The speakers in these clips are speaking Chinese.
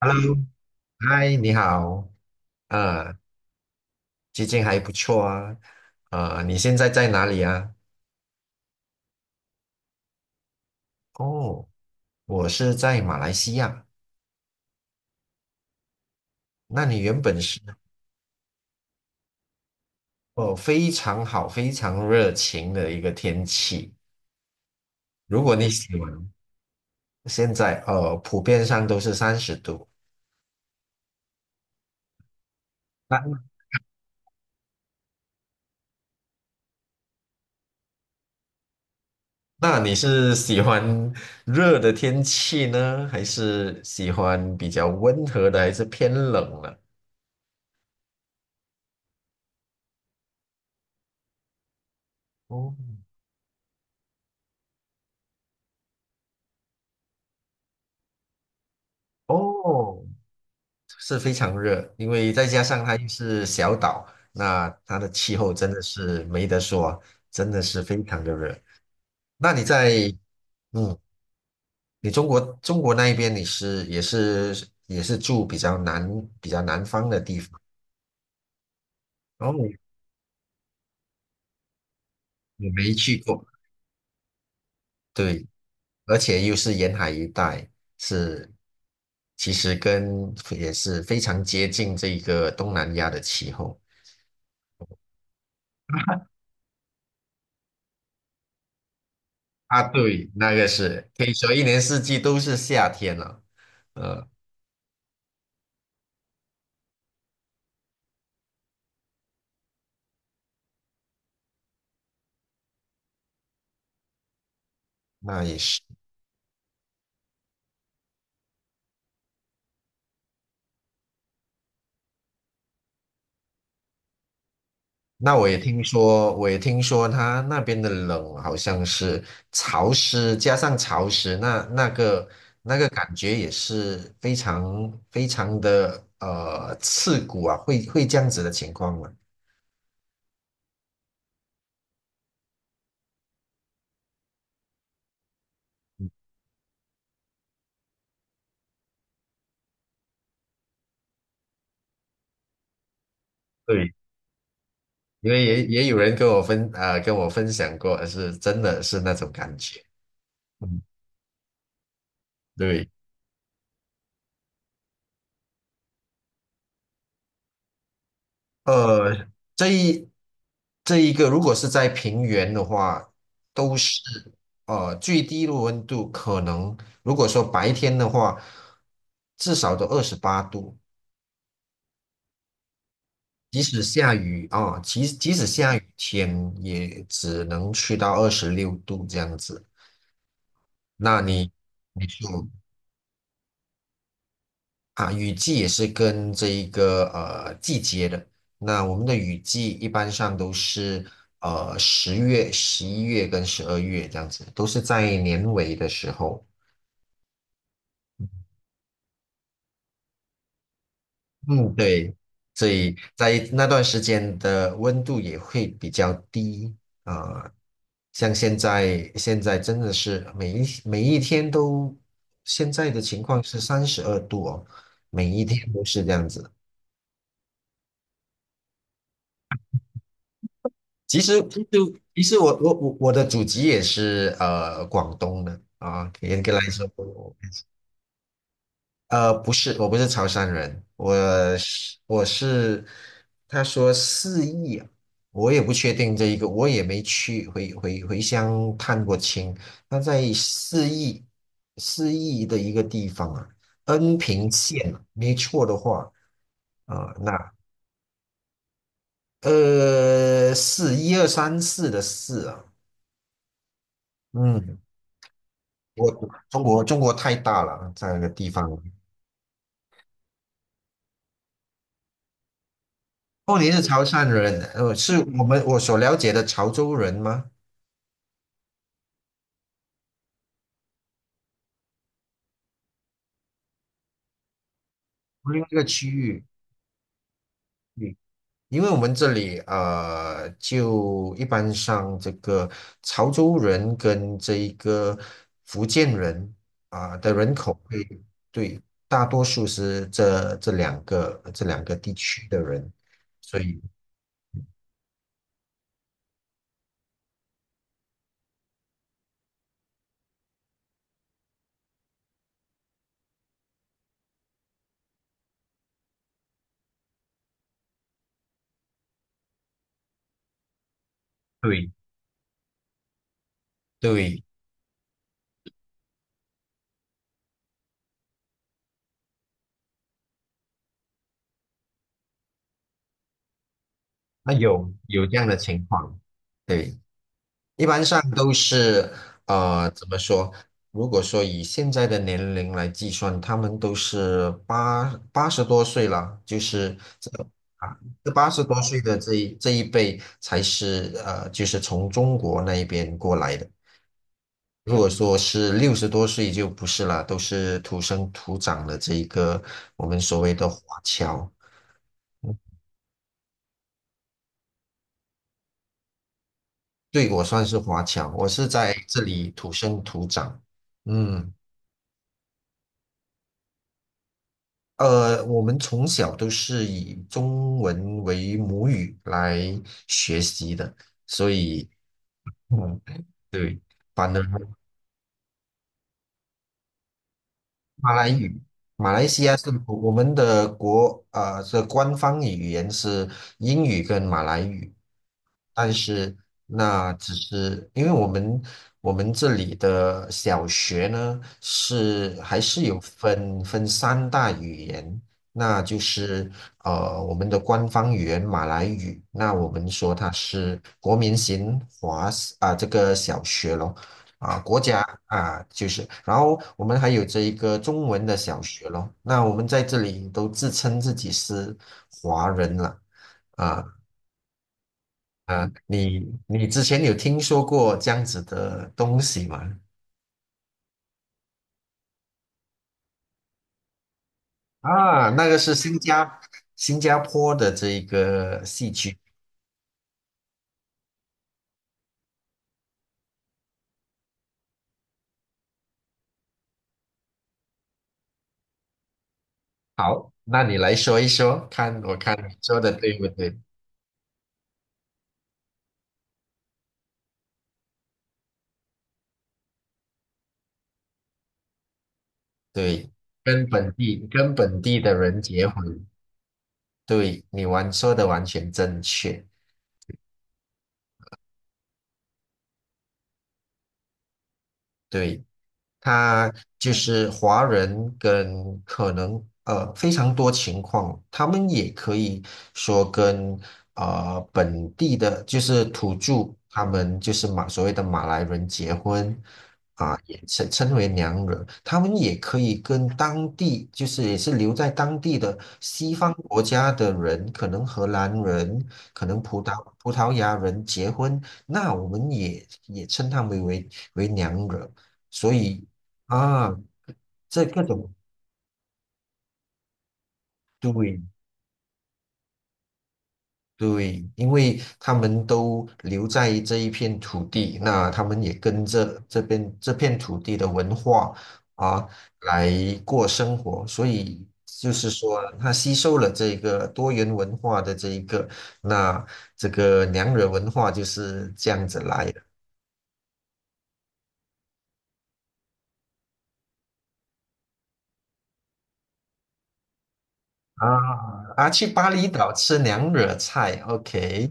Hello，嗨，你好，啊，最近还不错啊，啊，你现在在哪里啊？哦，我是在马来西亚。那你原本是哦，非常好，非常热情的一个天气。如果你喜欢，现在哦，普遍上都是30度。那那你是喜欢热的天气呢，还是喜欢比较温和的，还是偏冷呢？哦哦，是非常热，因为再加上它又是小岛，那它的气候真的是没得说，真的是非常的热。那你在，嗯，你中国那一边你是也是住比较南方的地方，然后我没去过，对，而且又是沿海一带，是其实跟也是非常接近这个东南亚的气候啊，对，那个是可以说一年四季都是夏天了。呃，那也是。那我也听说他那边的冷好像是潮湿，加上潮湿，那那个感觉也是非常非常的刺骨啊，会这样子的情况吗？对，因为也有人跟我跟我分享过，是真的是那种感觉。嗯，对。呃，这一这一个，如果是在平原的话，都是最低的温度可能，如果说白天的话，至少都28度，即使下雨啊，即使下雨天也只能去到26度这样子。那你你就啊，雨季也是跟这一个季节的。那我们的雨季一般上都是10月、11月跟12月这样子，都是在年尾的时候。嗯，对，所以在那段时间的温度也会比较低啊，像现在真的是每一天都，现在的情况是32度哦，每一天都是这样子。其实我的祖籍也是广东的啊，严格来说，我呃不是我不是潮汕人，我是他说四邑啊我也不确定这一个，我也没去回乡探过亲，他在四邑的一个地方啊，恩平县啊，没错的话啊，那四一二三四的四啊。嗯，我中国太大了，在那个地方。哦，你是潮汕人，是我所了解的潮州人吗？另外一个区域，嗯，因为我们这里就一般上这个潮州人跟这一个福建人啊、的人口会对，大多数是这两个地区的人，所以对对，那有这样的情况，对。一般上都是怎么说？如果说以现在的年龄来计算，他们都是八十多岁了，就是这啊，这八十多岁的这一辈才是就是从中国那一边过来的。如果说是60多岁就不是了，都是土生土长的这一个我们所谓的华侨。对，我算是华侨，我是在这里土生土长。嗯。我们从小都是以中文为母语来学习的，所以，嗯，对，反正。马来语，马来西亚是我们的这官方语言是英语跟马来语，但是那只是因为我们这里的小学呢还是有分三大语言，那就是我们的官方语言马来语，那我们说它是国民型华啊、这个小学咯。啊，国家啊，就是，然后我们还有这一个中文的小学咯。那我们在这里都自称自己是华人了啊啊！你之前有听说过这样子的东西吗？啊，那个是新加坡的这一个戏剧。好，那你来说一说，看我看你说的对不对？对，跟本地的人结婚，对，你说的完全正确。对。他就是华人跟可能非常多情况，他们也可以说跟本地的，就是土著，他们就是所谓的马来人结婚，啊，也称为娘惹，他们也可以跟当地，就是也是留在当地的西方国家的人，可能荷兰人，可能葡萄牙人结婚，那我们也称他们为娘惹，所以啊，这各种对对，因为他们都留在这一片土地，那他们也跟着这边这片土地的文化啊来过生活，所以就是说，他吸收了这个多元文化的这一个，那这个娘惹文化就是这样子来的啊啊，去巴厘岛吃娘惹菜，OK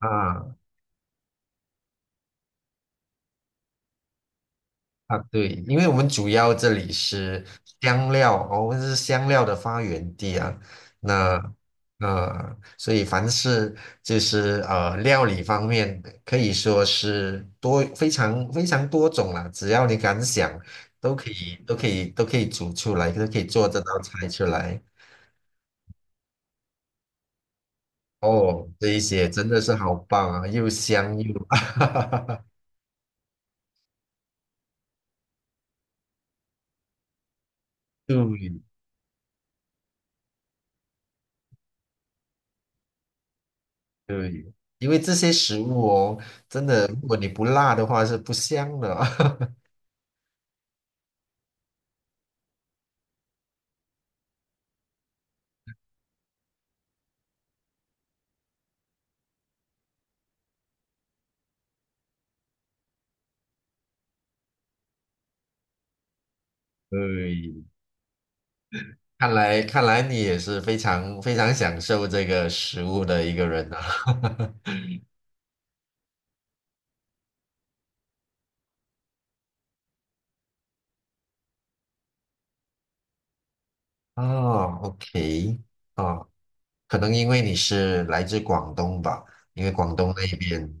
啊。啊，对，因为我们主要这里是香料，哦我们是香料的发源地啊。那所以凡是就是料理方面，可以说是多非常非常多种啦。只要你敢想，都可以煮出来，都可以做这道菜出来。哦，这一些真的是好棒啊，又香又 对对，因为这些食物哦，真的，如果你不辣的话是不香的哦。对，看来你也是非常非常享受这个食物的一个人啊。哦，OK，哦，可能因为你是来自广东吧，因为广东那边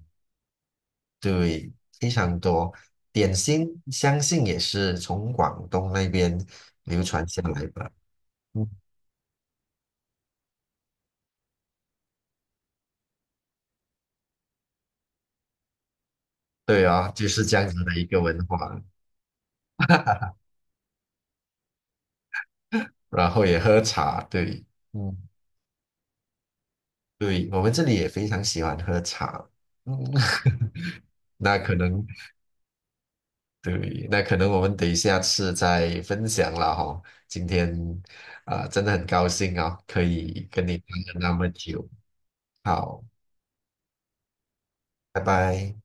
对非常多点心，相信也是从广东那边流传下来吧。嗯，对啊，就是这样子的一个文化。然后也喝茶，对嗯，对，我们这里也非常喜欢喝茶。嗯，那可能对，那可能我们得下次再分享了哈。今天啊、真的很高兴啊、可以跟你谈了那么久。好，拜拜。